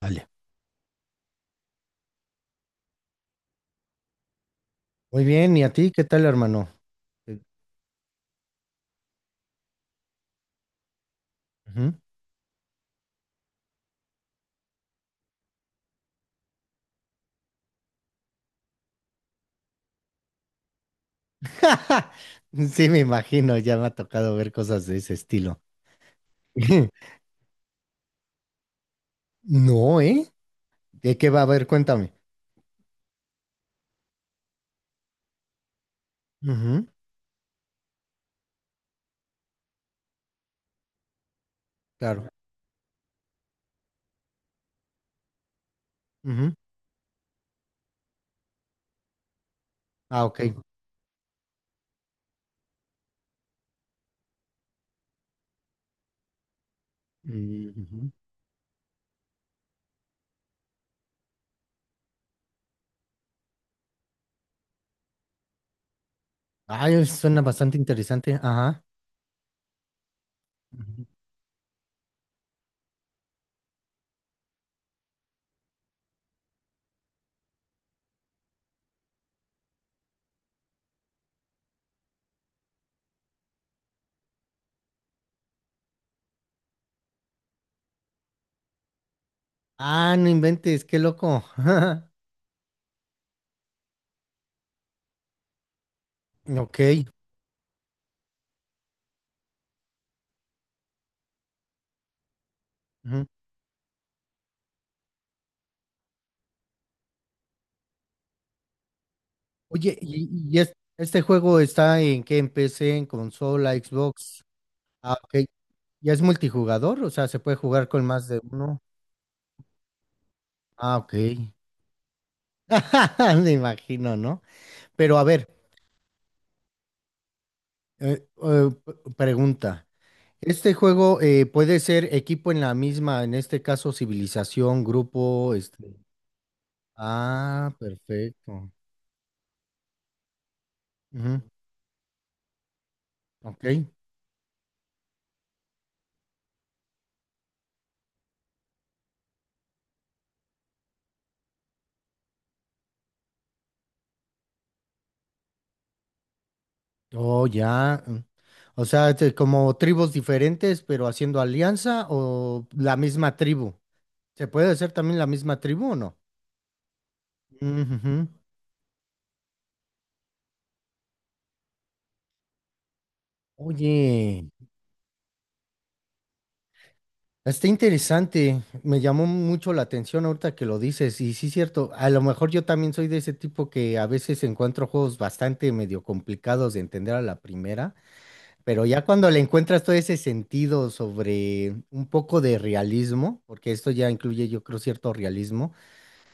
Vale. Muy bien, ¿y a ti qué tal, hermano? Eh, ujú. Sí, me imagino, ya me ha tocado ver cosas de ese estilo. No, ¿eh? ¿De qué va a ver? Cuéntame. Ujú, claro. Ujú. Ah, ok. Mm, ujú. Ay, suena bastante interesante. Ajá. Ujú. Ah, no inventes, qué loco. Ok. Ujú. Oye. Y es- este juego está en qué? ¿En PC, en consola, Xbox? Ah, ok. ¿Ya es multijugador? O sea, ¿se puede jugar con más de uno? Ah, ok. Me imagino, ¿no? Pero a ver, pregunta. ¿Este juego puede ser equipo en la misma, en este caso civilización, grupo, este? Ah, perfecto. Ujú. Ok. Oh, ya. Mm. O sea, este, como tribus diferentes, pero haciendo alianza o la misma tribu. ¿Se puede hacer también la misma tribu o no? Ujujú. Oye. Está interesante, me llamó mucho la atención ahorita que lo dices, y sí es cierto, a lo mejor yo también soy de ese tipo que a veces encuentro juegos bastante medio complicados de entender a la primera, pero ya cuando le encuentras todo ese sentido sobre un poco de realismo, porque esto ya incluye yo creo cierto realismo,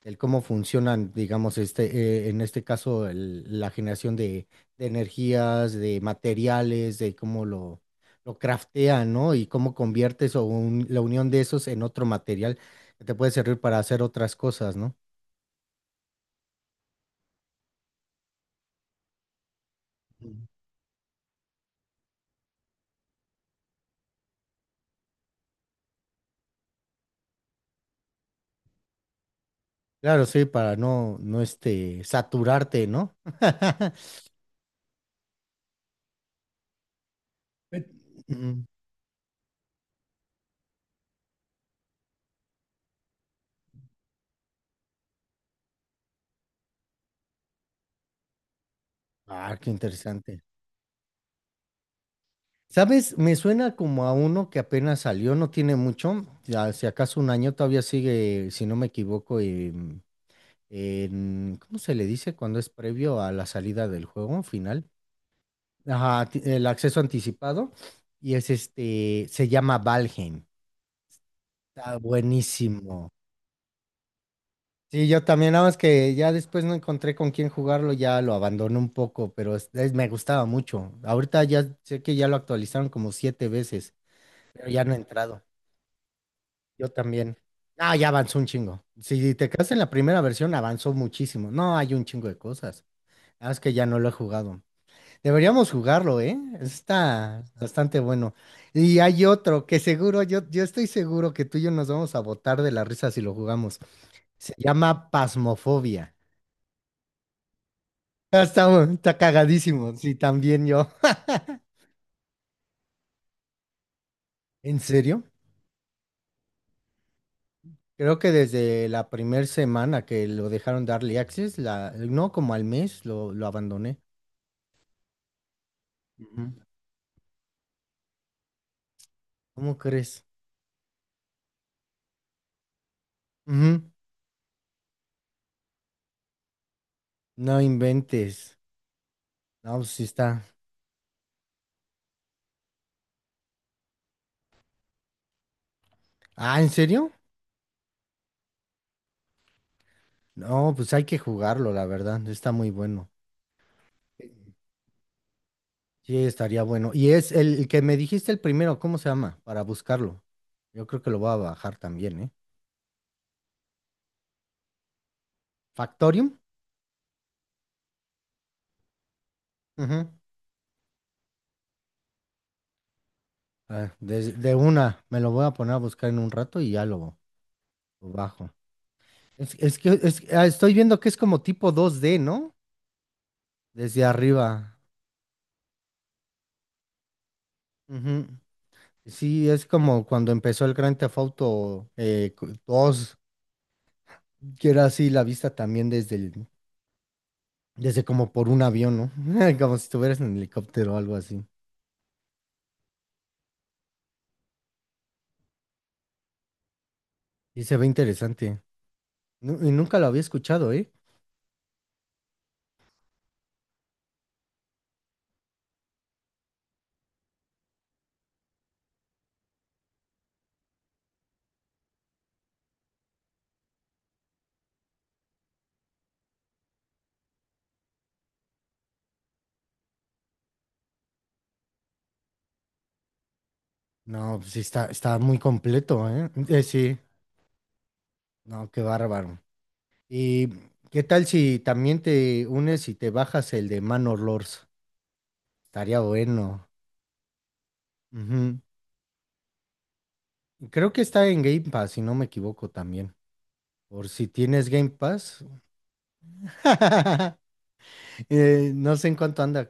el cómo funcionan, digamos, este, en este caso, la generación de energías, de materiales, de cómo lo craftean, ¿no? Y cómo conviertes o la unión de esos en otro material que te puede servir para hacer otras cosas, ¿no? Ujú. Claro, sí, para no, no este, saturarte, ¿no? Eh, Mm. Ah, qué interesante. ¿Sabes? Me suena como a uno que apenas salió, no tiene mucho, ya, si acaso un año todavía sigue, si no me equivoco, ¿cómo se le dice cuando es previo a la salida del juego final? Ajá, el acceso anticipado y es este, se llama Valheim. Está buenísimo. Sí, yo también, nada más que ya después no encontré con quién jugarlo, ya lo abandoné un poco, pero me gustaba mucho. Ahorita ya sé que ya lo actualizaron como siete veces, pero ya no he entrado. Yo también. Ah, ya avanzó un chingo. Si te quedas en la primera versión, avanzó muchísimo. No, hay un chingo de cosas. Nada más que ya no lo he jugado. Deberíamos jugarlo, ¿eh? Está bastante bueno. Y hay otro que seguro, yo estoy seguro que tú y yo nos vamos a botar de la risa si lo jugamos. Se llama Pasmofobia. Ah, está cagadísimo, sí, también yo. ¿En serio? Creo que desde la primera semana que lo dejaron de Early Access, la, no como al mes, lo abandoné. Ujú. ¿Cómo crees? Ujú. No inventes. No, pues sí está. Ah, ¿en serio? No, pues hay que jugarlo, la verdad. Está muy bueno. Sí, estaría bueno. Y es el que me dijiste el primero, ¿cómo se llama? Para buscarlo. Yo creo que lo voy a bajar también, ¿eh? Factorium. Ujú. Ah, de una, me lo voy a poner a buscar en un rato y ya lo bajo. Es que es- ah, Estoy viendo que es como tipo 2D, ¿no? Desde arriba. Ujú. Sí, es como cuando empezó el Grand Theft Auto 2, que era así la vista también desde el, desde como por un avión, ¿no? Como si estuvieras en helicóptero o algo así. Y se ve interesante. Y nunca lo había escuchado, ¿eh? No, pues sí está, está muy completo, ¿eh? Sí, no, qué bárbaro. ¿Y qué tal si también te unes y te bajas el de Manor Lords? Estaría bueno. Ujú. Creo que está en Game Pass, si no me equivoco también. Por si tienes Game Pass. No sé en cuánto anda.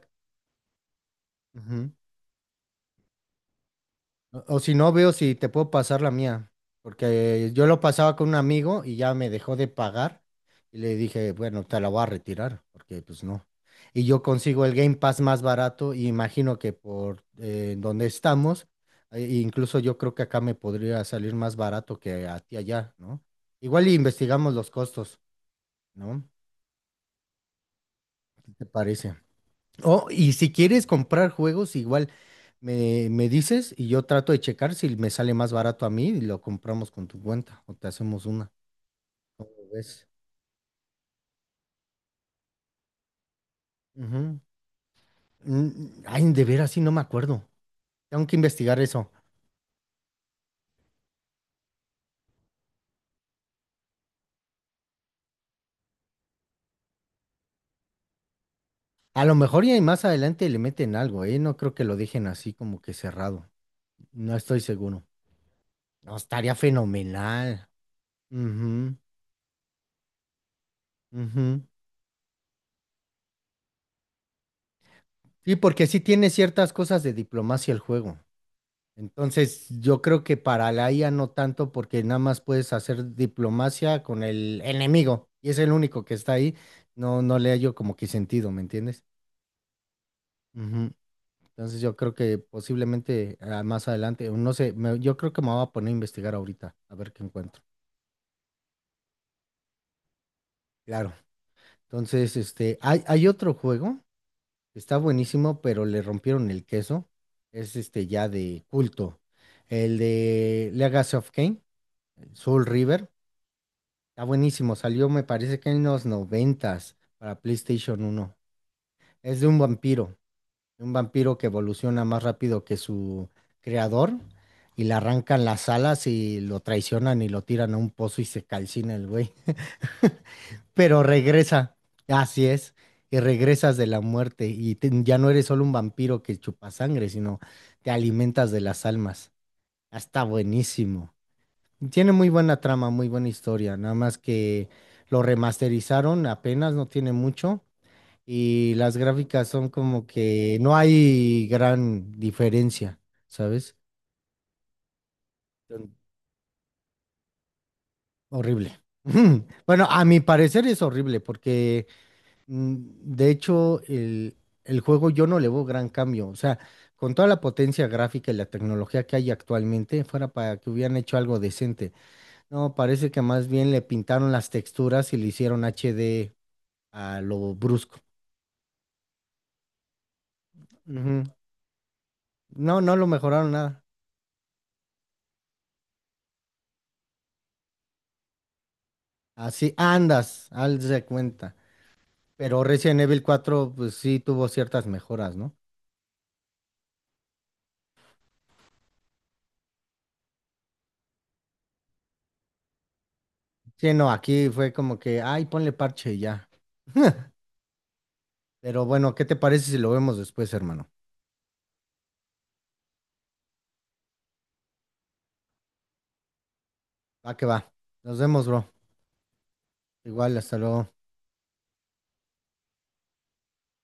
Ujú. O si no, veo si te puedo pasar la mía, porque yo lo pasaba con un amigo y ya me dejó de pagar y le dije, bueno, te la voy a retirar, porque pues no. Y yo consigo el Game Pass más barato y imagino que por donde estamos, incluso yo creo que acá me podría salir más barato que a ti allá, ¿no? Igual y investigamos los costos, ¿no? ¿Qué te parece? Oh, y si quieres comprar juegos, igual me dices y yo trato de checar si me sale más barato a mí y lo compramos con tu cuenta o te hacemos una. ¿Lo ves? Ujú. Mm. Ay, de veras, sí, no me acuerdo. Tengo que investigar eso. A lo mejor y más adelante le meten algo, ¿eh? No creo que lo dejen así como que cerrado. No estoy seguro. No, estaría fenomenal. Ujú, ujú. Sí, porque sí tiene ciertas cosas de diplomacia el juego. Entonces, yo creo que para la IA no tanto, porque nada más puedes hacer diplomacia con el enemigo y es el único que está ahí. No, no le hallo como que sentido, ¿me entiendes? Ujú. Entonces, yo creo que posiblemente más adelante, o no sé, yo creo que me voy a poner a investigar ahorita, a ver qué encuentro. Claro. Entonces, este, hay otro juego que está buenísimo, pero le rompieron el queso. Es este ya de culto. El de Legacy of Kain, Soul River. Está buenísimo, salió me parece que en los noventas para PlayStation 1. Es de un vampiro que evoluciona más rápido que su creador y le arrancan las alas y lo traicionan y lo tiran a un pozo y se calcina el güey. Pero regresa, así es, y regresas de la muerte y ya no eres solo un vampiro que chupa sangre, sino te alimentas de las almas. Ah, está buenísimo. Tiene muy buena trama, muy buena historia, nada más que lo remasterizaron apenas, no tiene mucho, y las gráficas son como que no hay gran diferencia, ¿sabes? Son Horrible. Bueno, a mi parecer es horrible porque mm, de hecho el juego yo no le veo gran cambio, o sea, con toda la potencia gráfica y la tecnología que hay actualmente, fuera para que hubieran hecho algo decente. No, parece que más bien le pintaron las texturas y le hicieron HD a lo brusco. Ujú. No, no lo mejoraron nada. Así andas, haz de cuenta. Pero Resident Evil 4 pues sí tuvo ciertas mejoras, ¿no? Sí, no, aquí fue como que, ay, ponle parche y ya. Pero bueno, ¿qué te parece si lo vemos después, hermano? Va que va. Nos vemos, bro. Igual, hasta luego.